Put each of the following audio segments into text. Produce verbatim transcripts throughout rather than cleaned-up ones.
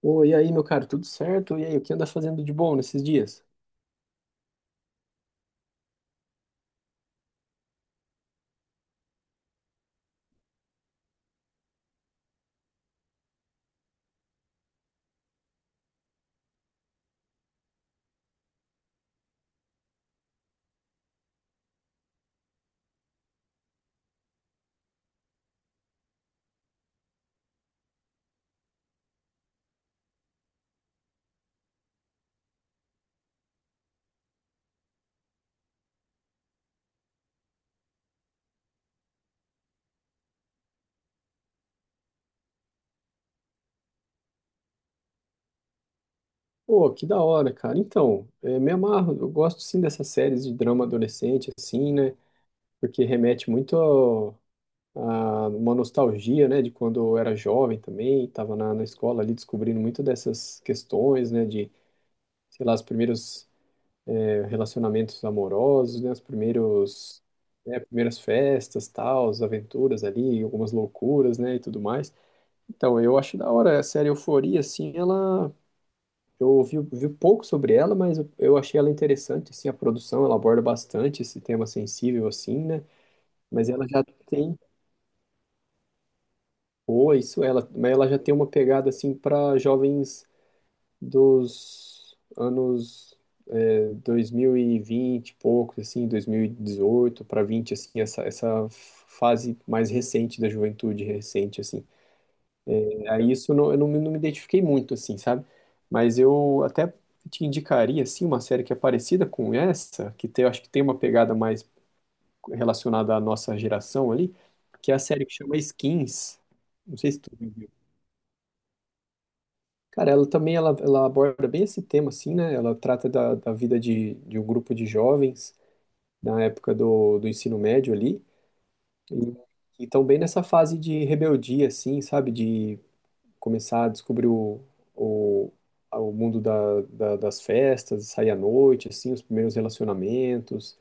Ô, e aí, meu cara, tudo certo? E aí, o que anda fazendo de bom nesses dias? Pô, que da hora, cara. Então, é, me amarro, eu gosto sim dessas séries de drama adolescente, assim, né? Porque remete muito ao- a uma nostalgia, né? De quando eu era jovem também, tava na, na escola ali descobrindo muito dessas questões, né? De, sei lá, os primeiros é, relacionamentos amorosos, né? Os primeiros, né, primeiras festas, tal, as aventuras ali, algumas loucuras, né? E tudo mais. Então, eu acho da hora. A série Euforia, assim, ela. Eu ouvi, vi pouco sobre ela, mas eu eu achei ela interessante, assim, a produção, ela aborda bastante esse tema sensível, assim, né? Mas ela já tem. Pô, isso, ela. Mas ela já tem uma pegada, assim, para jovens dos anos eh, dois mil e vinte, e vinte, e poucos, assim, dois mil e dezoito para vinte, assim, essa, essa fase mais recente da juventude, recente, assim. Aí isso não- eu não, me não me identifiquei muito, assim, sabe? Mas eu até te indicaria, assim, uma série que é parecida com essa, que tem, eu acho que tem uma pegada mais relacionada à nossa geração ali, que é a série que chama Skins. Não sei se tu já viu. Cara, ela também, ela, ela aborda bem esse tema, assim, né? Ela trata da, da vida de, de um grupo de jovens na época do, do ensino médio ali, e, estão bem nessa fase de rebeldia, assim, sabe? De começar a descobrir o, o, o mundo da, da- das festas, sair à noite, assim, os primeiros relacionamentos.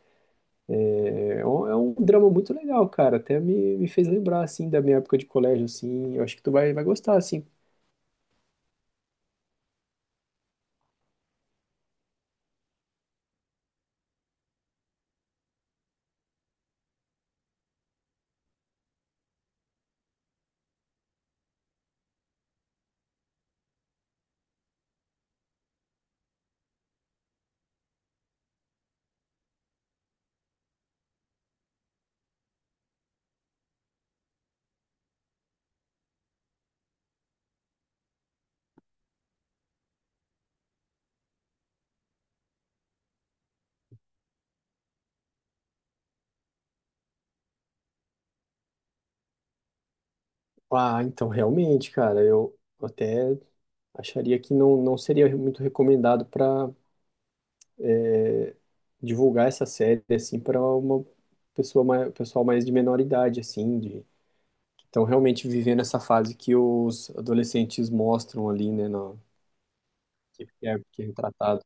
É é um, é um drama muito legal, cara. Até me, me fez lembrar, assim, da minha época de colégio, assim. Eu acho que tu vai, vai gostar, assim. Ah, então, realmente, cara, eu até acharia que não, não seria muito recomendado para divulgar essa série, assim, para uma pessoa mais, pessoal mais de menor idade, assim, de. Então, realmente vivendo essa fase que os adolescentes mostram ali, né, no, que é, que é retratado.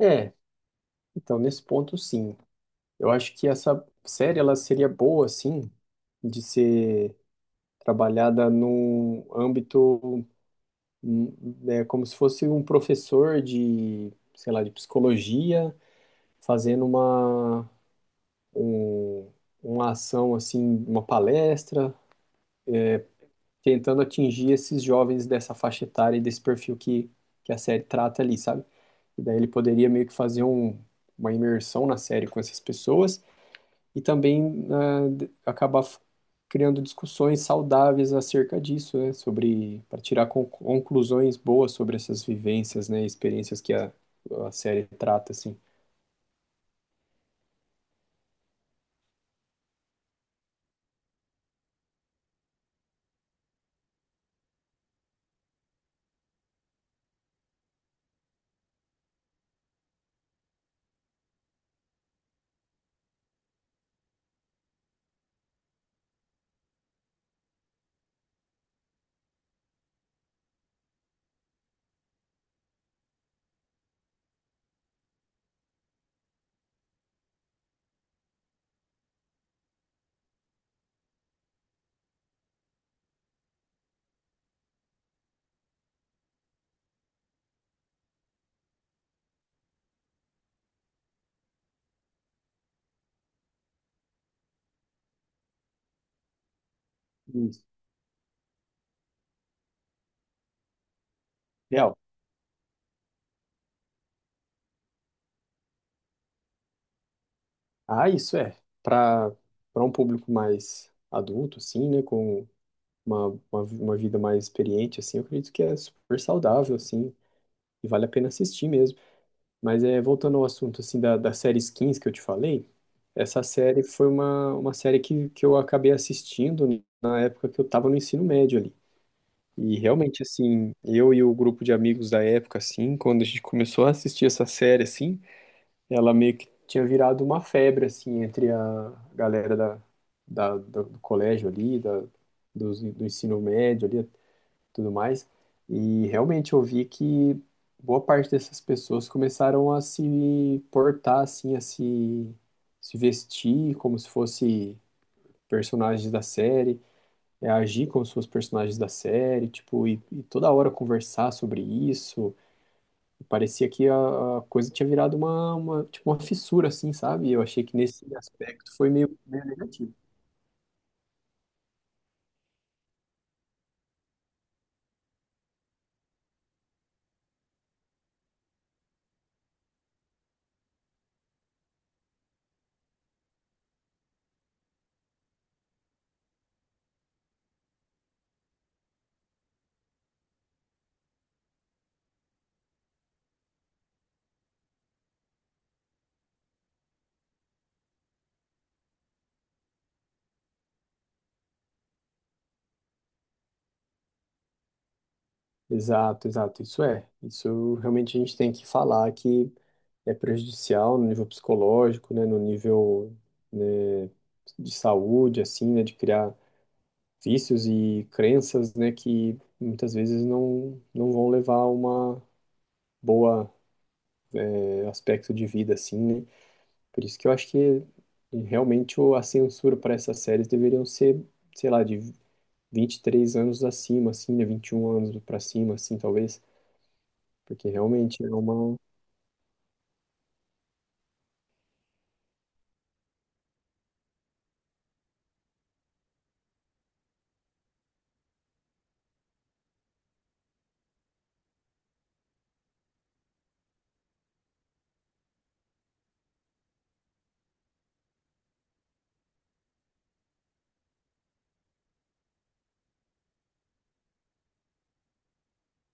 É, então, nesse ponto, sim. Eu acho que essa série, ela seria boa, sim, de ser trabalhada num âmbito, hum, né, como se fosse um professor de, sei lá, de psicologia, fazendo uma, um, uma ação, assim, uma palestra, tentando atingir esses jovens dessa faixa etária e desse perfil que, que a série trata ali, sabe? E daí ele poderia meio que fazer um, uma imersão na série com essas pessoas e também ah, acabar criando discussões saudáveis acerca disso, né? Sobre para tirar conclusões boas sobre essas vivências, né? Experiências que a, a série trata, assim. Isso. Real. Ah, isso é. Para Para um público mais adulto, assim, né? Com uma, uma, uma vida mais experiente, assim, eu acredito que é super saudável, assim, e vale a pena assistir mesmo. Mas é, voltando ao assunto, assim, da, da série Skins que eu te falei, essa série foi uma, uma série que, que eu acabei assistindo na época que eu estava no ensino médio ali. E realmente, assim, eu e o grupo de amigos da época, assim, quando a gente começou a assistir essa série, assim, ela meio que tinha virado uma febre, assim, entre a galera da, da, do, do colégio ali, da, do, do ensino médio ali, tudo mais. E realmente eu vi que boa parte dessas pessoas começaram a se portar assim, a se, se vestir como se fosse personagens da série, é, agir como se fossem personagens da série, tipo, e, e toda hora conversar sobre isso. E parecia que a, a coisa tinha virado uma, uma, tipo, uma fissura, assim, sabe? E eu achei que nesse aspecto foi meio, meio negativo. Exato, exato, isso é. Isso realmente a gente tem que falar que é prejudicial no nível psicológico, né, no nível, né, de saúde, assim, né, de criar vícios e crenças, né, que muitas vezes não, não vão levar a uma boa eh, aspecto de vida, assim, né. Por isso que eu acho que realmente o- a censura para essas séries deveriam ser, sei lá, de vinte e três anos acima, assim, né, vinte e um anos para cima, assim, talvez, porque realmente é uma.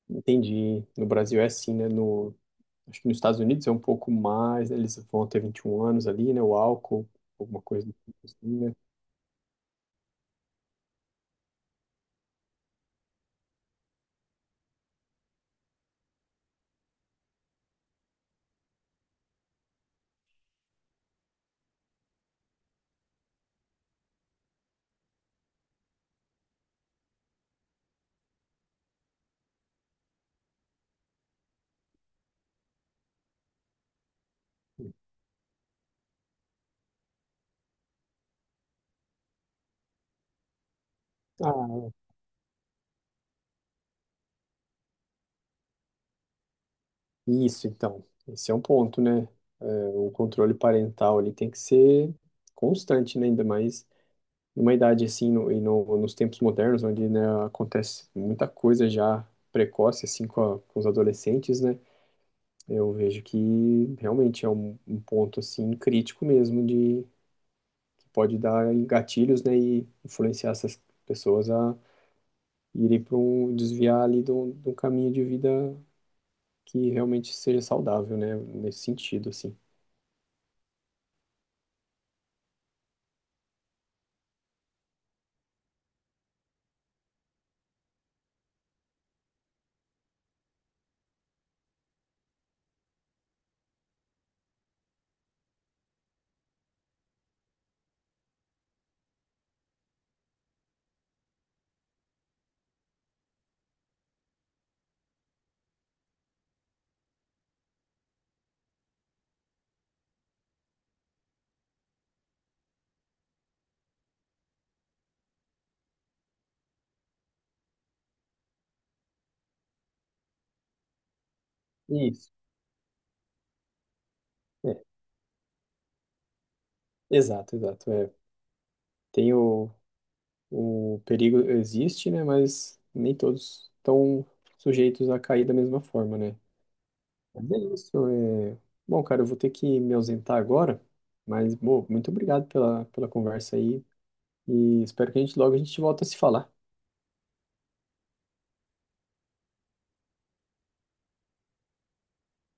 Entendi. No Brasil é assim, né? No, acho que nos Estados Unidos é um pouco mais, né? Eles vão ter vinte e um anos ali, né? O álcool, alguma coisa do tipo assim, né? Ah, isso então. Esse é um ponto, né? É, o controle parental ali tem que ser constante, né? Ainda mais numa idade assim, no, e no, nos tempos modernos, onde, né, acontece muita coisa já precoce, assim, com, a- com os adolescentes, né? Eu vejo que realmente é um, um ponto, assim, crítico mesmo pode dar em gatilhos, né, e influenciar essas pessoas a irem para um desviar ali de um de um caminho de vida que realmente seja saudável, né, nesse sentido, assim. Isso, é, exato, exato, é. Tem o, o perigo existe, né, mas nem todos estão sujeitos a cair da mesma forma, né. Mas é isso, é... Bom, cara, eu vou ter que me ausentar agora, mas, bom, muito obrigado pela, pela conversa aí e espero que a gente logo a gente volta a se falar.